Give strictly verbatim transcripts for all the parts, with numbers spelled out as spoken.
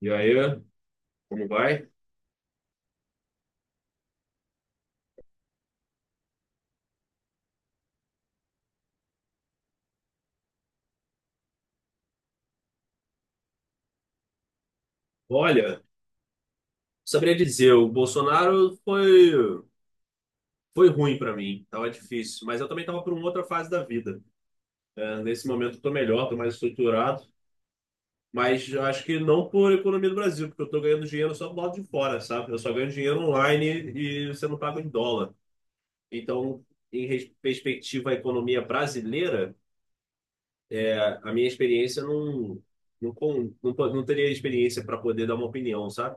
E aí, como vai? Olha, saberia dizer, o Bolsonaro foi foi ruim para mim, tava difícil, mas eu também tava por uma outra fase da vida. É, Nesse momento eu tô melhor, tô mais estruturado, mas eu acho que não por economia do Brasil, porque eu tô ganhando dinheiro só do lado de fora, sabe? Eu só ganho dinheiro online e você não paga em dólar. Então, em res- perspectiva à economia brasileira, é, a minha experiência não não, con- não, po- não teria experiência para poder dar uma opinião, sabe?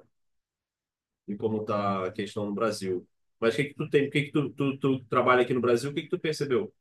E como está a questão no Brasil. Mas o que que tu tem, o que que tu, tu, tu trabalha aqui no Brasil, o que que tu percebeu?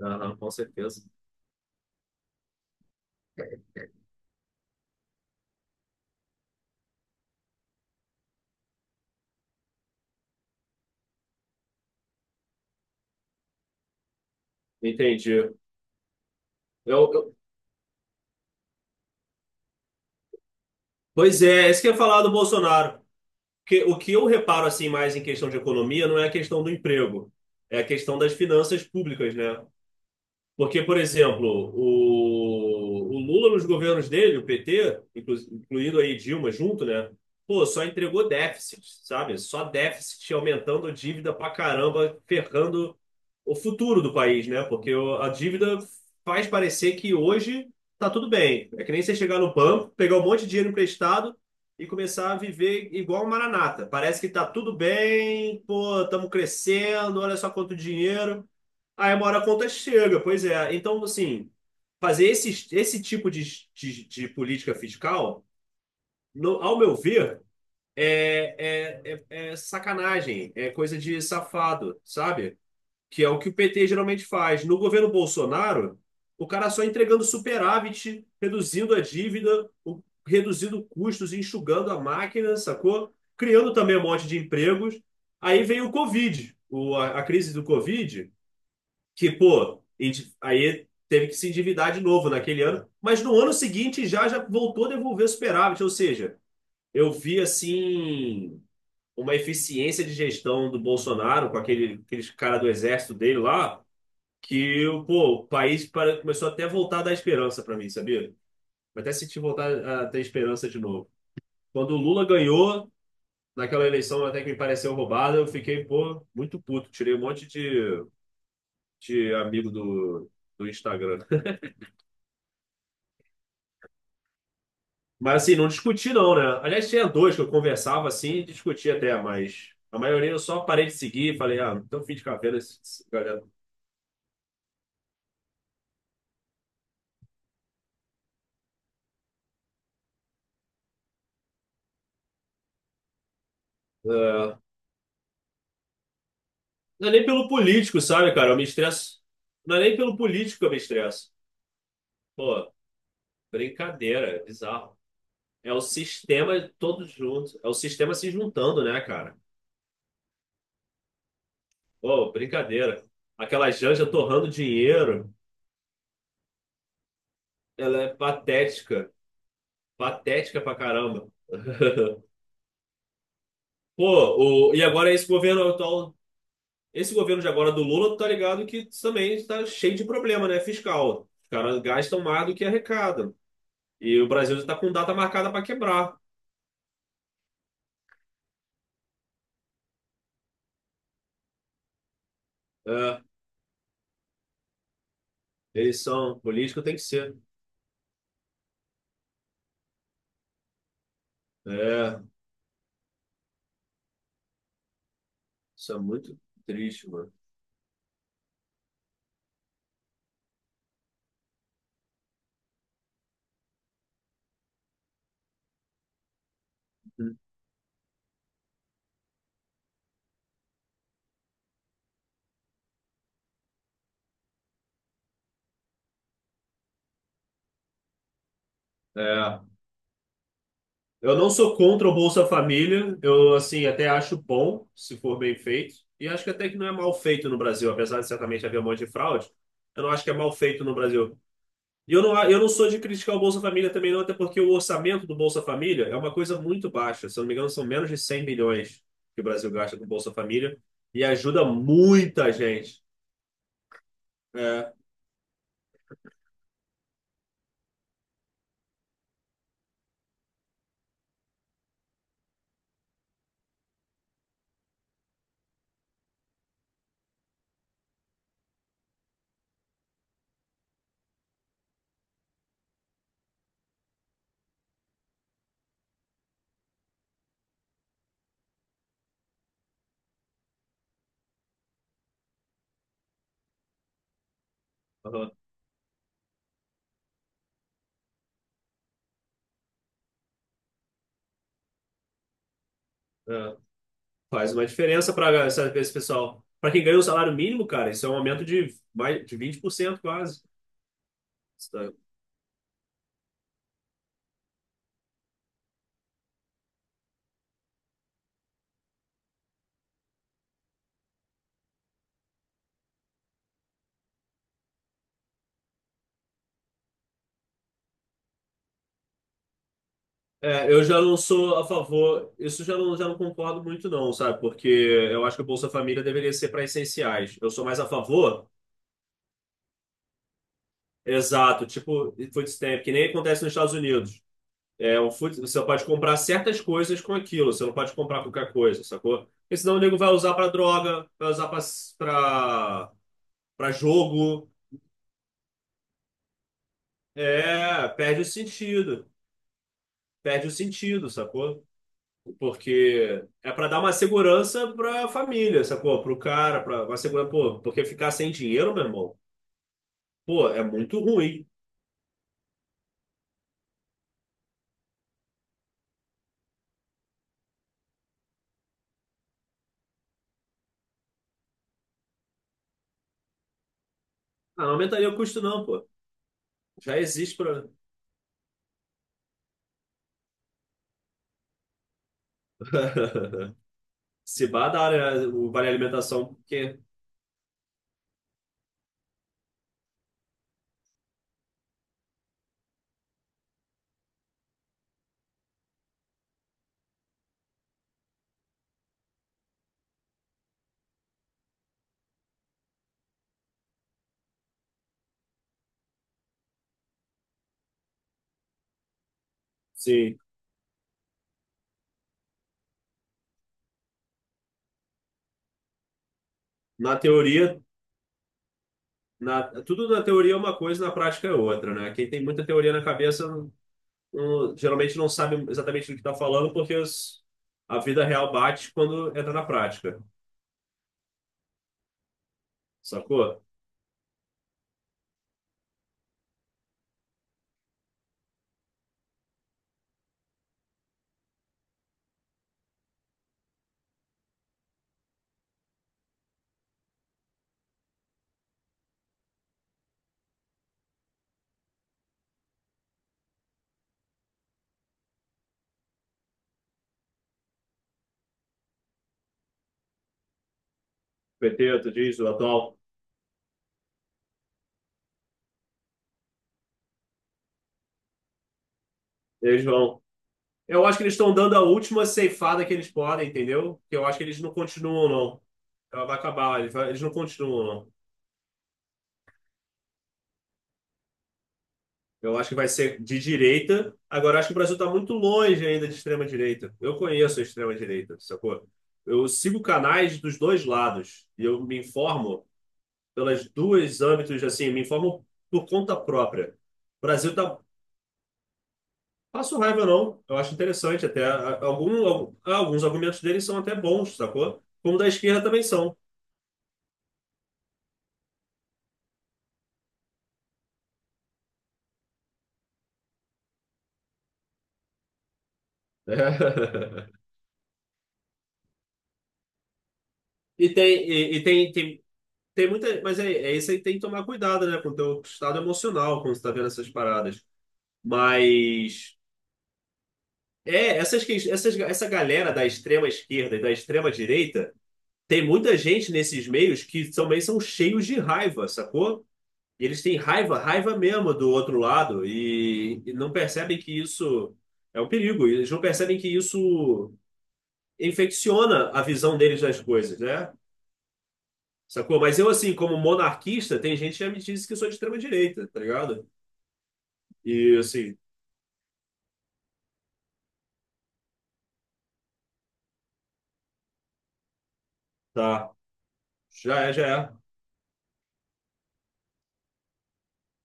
Aham, com certeza. Entendi. Eu, eu- pois é, é isso que eu ia falar do Bolsonaro. Que, o que eu reparo assim mais em questão de economia não é a questão do emprego, é a questão das finanças públicas, né? Porque, por exemplo, o, o Lula nos governos dele, o P T, inclu- incluindo aí Dilma junto, né? Pô, só entregou déficit, sabe? Só déficit aumentando a dívida pra caramba, ferrando o futuro do país, né? Porque o- a dívida faz parecer que hoje tá tudo bem. É que nem você chegar no banco, pegar um monte de dinheiro emprestado e começar a viver igual um maranata. Parece que tá tudo bem, pô, estamos crescendo, olha só quanto dinheiro. Aí uma hora a conta chega, pois é. Então, assim, fazer esse, esse tipo de, de, de política fiscal, no- ao meu ver, é, é, é, é sacanagem, é coisa de safado, sabe? Que é o que o P T geralmente faz. No governo Bolsonaro, o cara só entregando superávit, reduzindo a dívida, o- reduzindo custos, enxugando a máquina, sacou? Criando também um monte de empregos. Aí veio o Covid, o, a a crise do Covid que, pô, indi- aí teve que se endividar de novo naquele ano, mas no ano seguinte já, já voltou a devolver superávit, ou seja, eu vi assim uma eficiência de gestão do Bolsonaro com aquele, aqueles cara do exército dele lá, que pô, o país para- começou até a voltar a dar esperança para mim, sabia? Eu até senti voltar a ter esperança de novo. Quando o Lula ganhou naquela eleição até que me pareceu roubada, eu fiquei, pô, muito puto. Tirei um monte de, de amigo do, do Instagram. Mas assim, não discuti não, né? Aliás, tinha dois que eu conversava assim e discutia até, mas a maioria eu só parei de seguir e falei, ah, então fim de carreira, esse- esse galera. É, não é nem pelo político, sabe, cara? Eu me estresso. Não é nem pelo político que eu me estresso. Pô, brincadeira, é bizarro. É o sistema todos juntos. É o sistema se juntando, né, cara? Pô, brincadeira. Aquela Janja torrando dinheiro, ela é patética. Patética pra caramba. Pô, o, e agora esse governo atual. Esse governo de agora do Lula, tu tá ligado que também está cheio de problema, né? Fiscal. Os caras gastam mais do que arrecadam. E o Brasil já tá com data marcada para quebrar. É, eleição política tem que ser. É, isso é muito triste, mano. É, eu não sou contra o Bolsa Família. Eu, assim, até acho bom, se for bem feito. E acho que até que não é mal feito no Brasil, apesar de certamente haver um monte de fraude. Eu não acho que é mal feito no Brasil. E eu não, eu não sou de criticar o Bolsa Família também, não, até porque o orçamento do Bolsa Família é uma coisa muito baixa. Se eu não me engano, são menos de cem bilhões que o Brasil gasta com o Bolsa Família e ajuda muita gente. É, aham, é. Faz uma diferença para esse pessoal. Para quem ganha o salário mínimo, cara, isso é um aumento de, mais, de vinte por cento quase. Sabe? É, eu já não sou a favor, isso já não, já não concordo muito, não, sabe? Porque eu acho que o Bolsa Família deveria ser para essenciais. Eu sou mais a favor. Exato, tipo food stamp, que nem acontece nos Estados Unidos. É, o food, você pode comprar certas coisas com aquilo, você não pode comprar qualquer coisa, sacou? Porque senão o nego vai usar pra droga, vai usar pra pra- pra jogo. É, perde o sentido. Perde o sentido, sacou? Porque é pra dar uma segurança pra família, sacou? Pro cara, pra uma segurança, pô, porque ficar sem dinheiro, meu irmão, pô, é muito ruim. Ah, não aumentaria o custo, não, pô. Já existe pra. Se vá da área, o vale alimentação, porque, sim, na teoria, na, tudo na teoria é uma coisa, na prática é outra, né? Quem tem muita teoria na cabeça, não- não- geralmente não sabe exatamente do que está falando, porque os- a vida real bate quando entra na prática, sacou? P T, tu diz, o atual, eles vão. Eu acho que eles estão dando a última ceifada que eles podem, entendeu? Que eu acho que eles não continuam, não. Ela vai acabar, eles vai- eles não continuam, não. Eu acho que vai ser de direita. Agora, eu acho que o Brasil está muito longe ainda de extrema-direita. Eu conheço a extrema-direita, sacou? Eu sigo canais dos dois lados e eu me informo pelas duas âmbitos, assim, me informo por conta própria. O Brasil tá... Passo raiva, não. Eu acho interessante até. A- Algum, al- alguns argumentos deles são até bons, sacou? Como da esquerda também são. E tem, e, e tem, tem, tem muita. Mas é, é isso aí, tem que tomar cuidado, né? Com o teu estado emocional quando você tá vendo essas paradas. Mas é, essas, que- essas, essa galera da extrema esquerda e da extrema direita, tem muita gente nesses meios que também são cheios de raiva, sacou? E eles têm raiva, raiva mesmo do outro lado e, e não percebem que isso é um perigo. E eles não percebem que isso infecciona a visão deles das coisas, né? Sacou? Mas eu, assim, como monarquista, tem gente que já me disse que eu sou de extrema direita, tá ligado? E assim, tá, já é, já é.